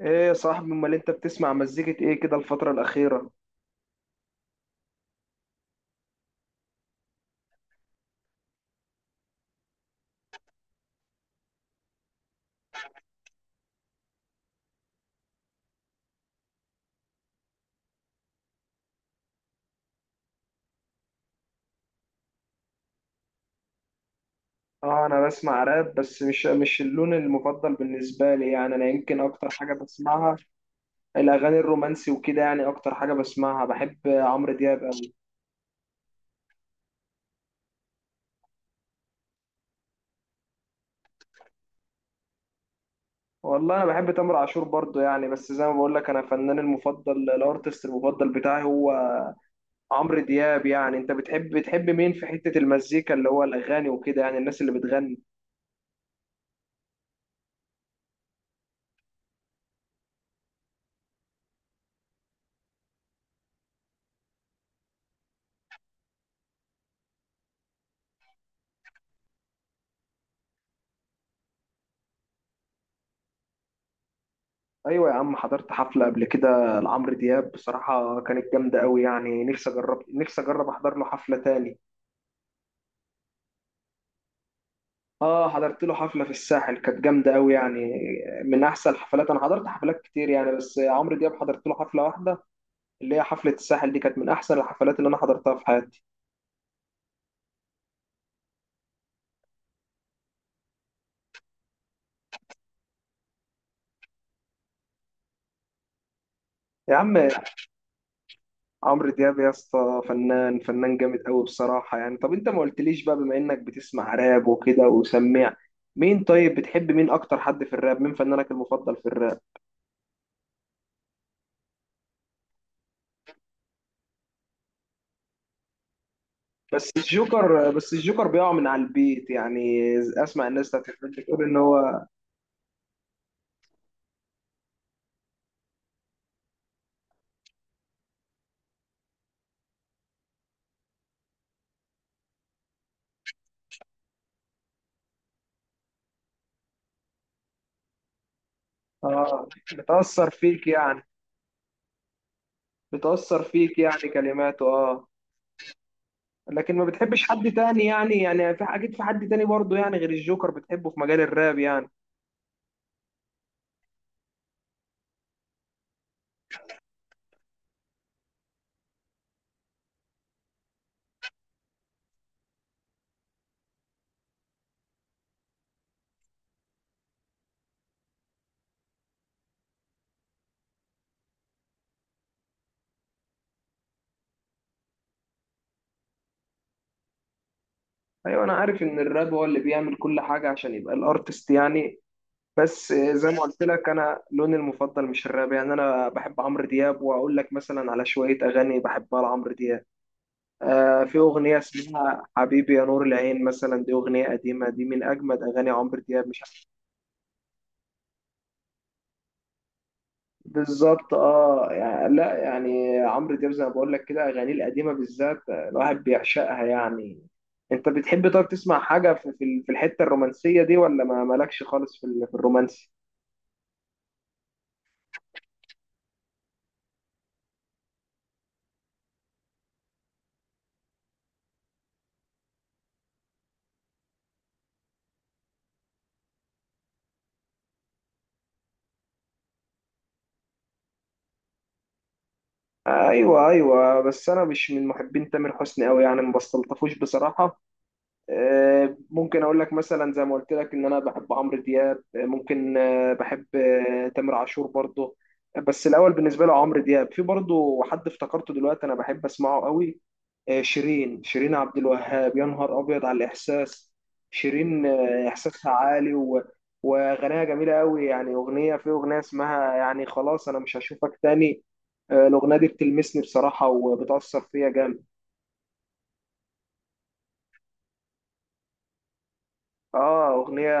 ايه يا صاحبي، امال انت بتسمع مزيكة ايه كده الفترة الأخيرة؟ اه انا بسمع راب، بس مش اللون المفضل بالنسبة لي يعني، انا يمكن اكتر حاجة بسمعها الاغاني الرومانسي وكده، يعني اكتر حاجة بسمعها بحب عمرو دياب قوي. والله انا بحب تامر عاشور برضو يعني، بس زي ما بقول لك، انا فنان المفضل الارتست المفضل بتاعي هو عمرو دياب. يعني انت بتحب مين في حتة المزيكا، اللي هو الاغاني وكده، يعني الناس اللي بتغني؟ ايوه يا عم، حضرت حفله قبل كده لعمرو دياب بصراحه، كانت جامده قوي يعني. نفسي اجرب احضر له حفله تاني. اه حضرت له حفله في الساحل كانت جامده قوي يعني، من احسن الحفلات. انا حضرت حفلات كتير يعني، بس عمرو دياب حضرت له حفله واحده، اللي هي حفله الساحل دي، كانت من احسن الحفلات اللي انا حضرتها في حياتي. يا عم، عمرو دياب يا اسطى، فنان فنان جامد قوي بصراحه يعني. طب انت ما قلتليش بقى، بما انك بتسمع راب وكده وسميع، مين؟ طيب بتحب مين اكتر، حد في الراب، مين فنانك المفضل في الراب؟ بس الجوكر بيقع من على البيت يعني. اسمع الناس بتاعت الفيلم بتقول ان هو اه. بتأثر فيك يعني بتأثر فيك يعني كلماته اه لكن ما بتحبش حد تاني يعني في اكيد في حد تاني برضه يعني، غير الجوكر بتحبه في مجال الراب يعني؟ ايوه، انا عارف ان الراب هو اللي بيعمل كل حاجة عشان يبقى الارتست يعني. بس زي ما قلت لك، انا لوني المفضل مش الراب يعني، انا بحب عمرو دياب، واقول لك مثلا على شوية اغاني بحبها لعمرو دياب. في أغنية اسمها حبيبي يا نور العين مثلا، دي أغنية قديمة، دي من أجمد أغاني عمرو دياب، مش عارف. بالظبط اه، يعني لا يعني عمرو دياب زي ما بقول لك كده، أغانيه القديمة بالذات الواحد بيعشقها يعني. أنت بتحب، طب تسمع حاجة في الحتة الرومانسية دي، ولا ما مالكش خالص في الرومانسي؟ أيوه أيوه، بس أنا مش من محبين تامر حسني أوي يعني، ما بستلطفوش بصراحة. ممكن اقول لك مثلا، زي ما قلت لك ان انا بحب عمرو دياب، ممكن، بحب، تامر عاشور برضه. بس الاول بالنسبه له عمرو دياب. في برضه حد افتكرته دلوقتي انا بحب اسمعه قوي، شيرين عبد الوهاب. يا نهار ابيض على الاحساس، شيرين احساسها عالي وغناها جميله قوي يعني. اغنيه، في اغنيه اسمها يعني خلاص انا مش هشوفك تاني، الاغنيه دي بتلمسني بصراحه وبتاثر فيا جامد. اه اغنيه،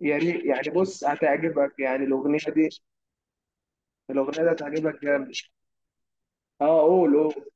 يعني بص هتعجبك يعني، الاغنيه دي هتعجبك جامد. اه، قول قول.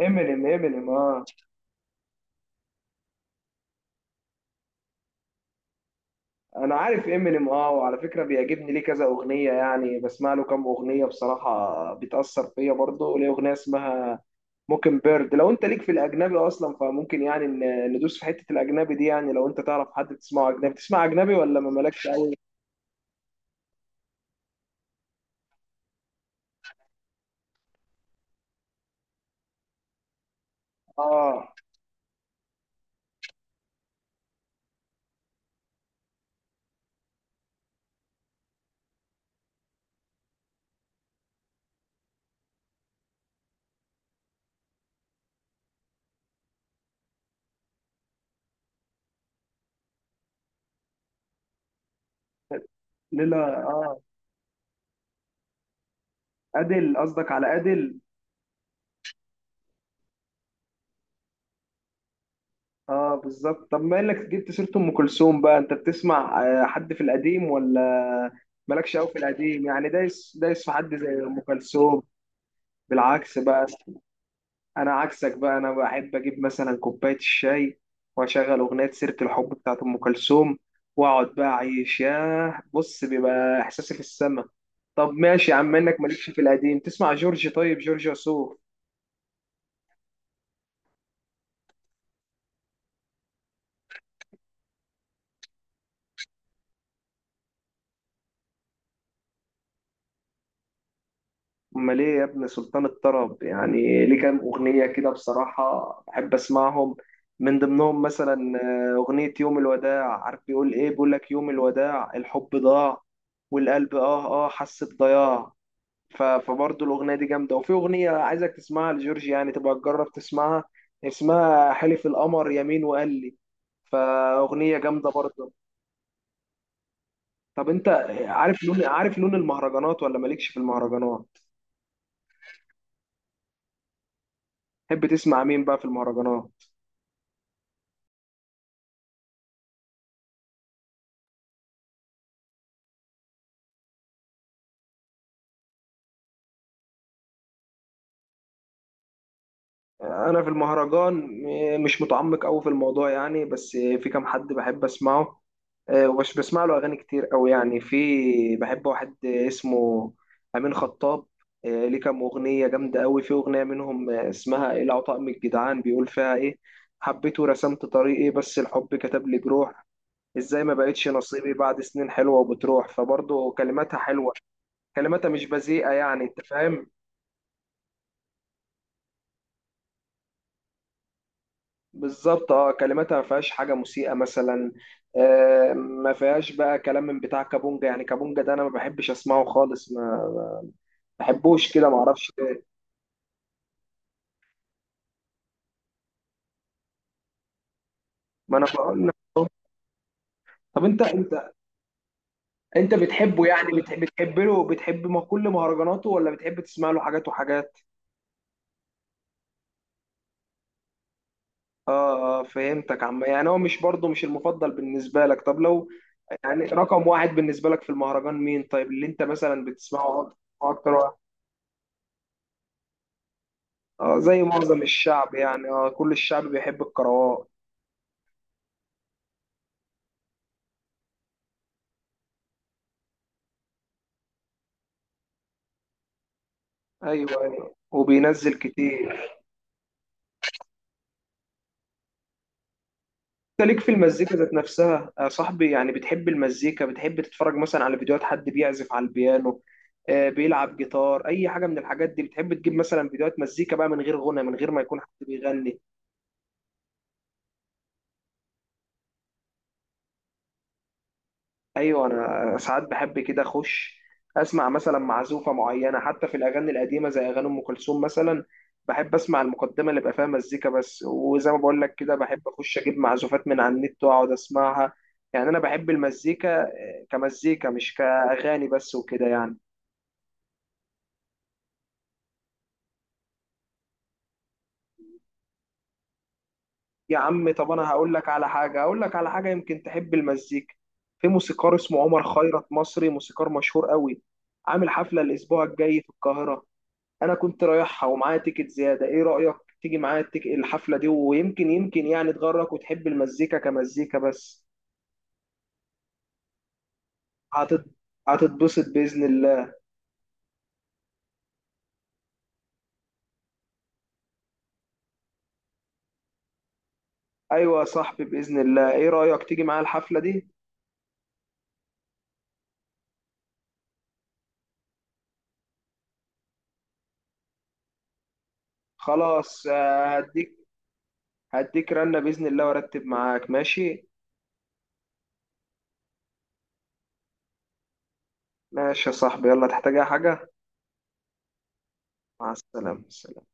امينيم، امينيم اه انا عارف امينيم اه، وعلى فكره بيعجبني ليه كذا اغنيه يعني، بسمع له كام اغنيه بصراحه بتاثر فيا برضه، ليه اغنيه اسمها موكن بيرد. لو انت ليك في الاجنبي اصلا فممكن يعني ندوس في حته الاجنبي دي يعني. لو انت تعرف حد بتسمعه اجنبي، تسمع اجنبي ولا ما مالكش قوي؟ اه، لا، اه. ادل؟ قصدك على ادل؟ اه بالظبط. طب ما انك جبت سيره ام كلثوم بقى، انت بتسمع حد في القديم، ولا مالكش قوي في القديم يعني، دايس دايس في حد زي ام كلثوم؟ بالعكس بقى، انا عكسك بقى، انا بحب اجيب مثلا كوبايه الشاي واشغل اغنيه سيره الحب بتاعت ام كلثوم، واقعد بقى اعيش. ياه بص بيبقى احساسي في السما. طب ماشي يا عم، انك مالكش في القديم، تسمع جورج، طيب، جورج وسوف؟ امال ايه يا ابن سلطان الطرب يعني، ليه كام اغنيه كده بصراحه بحب اسمعهم، من ضمنهم مثلا اغنيه يوم الوداع. عارف بيقول ايه؟ بيقول لك يوم الوداع الحب ضاع، والقلب حس بضياع. فبرضه الاغنيه دي جامده. وفي اغنيه عايزك تسمعها لجورج يعني، تبقى تجرب تسمعها، اسمها حلف القمر يمين وقال لي، فاغنيه جامده برضه. طب انت عارف لون، عارف لون المهرجانات، ولا مالكش في المهرجانات؟ تحب تسمع مين بقى في المهرجانات؟ انا في المهرجان مش متعمق قوي في الموضوع يعني، بس في كام حد بحب اسمعه، ومش بسمع له اغاني كتير قوي يعني. في بحب واحد اسمه امين خطاب، ليه كام اغنيه جامده قوي. في اغنيه منهم اسمها ايه العطاء من الجدعان، بيقول فيها ايه، حبيته رسمت طريقي بس الحب كتب لي جروح، ازاي ما بقتش نصيبي بعد سنين حلوة وبتروح. فبرضه كلماتها حلوة، كلماتها مش بذيئة يعني، انت فاهم. بالظبط اه، كلماتها ما فيهاش حاجه مسيئه مثلا، آه ما فيهاش بقى كلام من بتاع كابونجا. يعني كابونجا ده انا ما بحبش اسمعه خالص، ما بحبوش كده، ما اعرفش ليه. ما انا بقول لك. طب انت بتحبه يعني، بتحب ما كل مهرجاناته، ولا بتحب تسمع له حاجات وحاجات؟ اه اه، فهمتك عم، يعني هو مش برضه مش المفضل بالنسبه لك. طب لو يعني رقم واحد بالنسبه لك في المهرجان مين، طيب، اللي انت مثلا بتسمعه اكتر، اكتر واحد؟ اه، زي معظم الشعب يعني، اه كل الشعب بيحب الكروات. ايوه ايوه، وبينزل كتير. انت ليك في المزيكا ذات نفسها يا صاحبي، يعني بتحب المزيكا، بتحب تتفرج مثلا على فيديوهات حد بيعزف على البيانو، بيلعب جيتار، اي حاجه من الحاجات دي؟ بتحب تجيب مثلا فيديوهات مزيكا بقى، من غير غنى، من غير ما يكون حد بيغني؟ ايوه، انا ساعات بحب كده اخش اسمع مثلا معزوفه معينه، حتى في الاغاني القديمه زي اغاني ام كلثوم مثلا، بحب اسمع المقدمه اللي بقى فيها مزيكا بس. وزي ما بقول لك كده، بحب اخش اجيب معزوفات من على النت واقعد اسمعها. يعني انا بحب المزيكا كمزيكا، مش كأغاني بس وكده يعني. يا عم طب، أنا هقول لك على حاجة، هقول لك على حاجة يمكن تحب المزيكا. في موسيقار اسمه عمر خيرت، مصري، موسيقار مشهور قوي، عامل حفلة الأسبوع الجاي في القاهرة. أنا كنت رايحها ومعايا تيكت زيادة، إيه رأيك تيجي معايا الحفلة دي؟ ويمكن يعني تغرك وتحب المزيكا كمزيكا بس. هتت... هتتبسط بإذن الله. أيوة يا صاحبي، بإذن الله، إيه رأيك تيجي معايا الحفلة دي؟ خلاص، هديك رنة بإذن الله وأرتب معاك، ماشي. ماشي يا صاحبي، يلا، تحتاج أي حاجة؟ مع السلامة، سلام.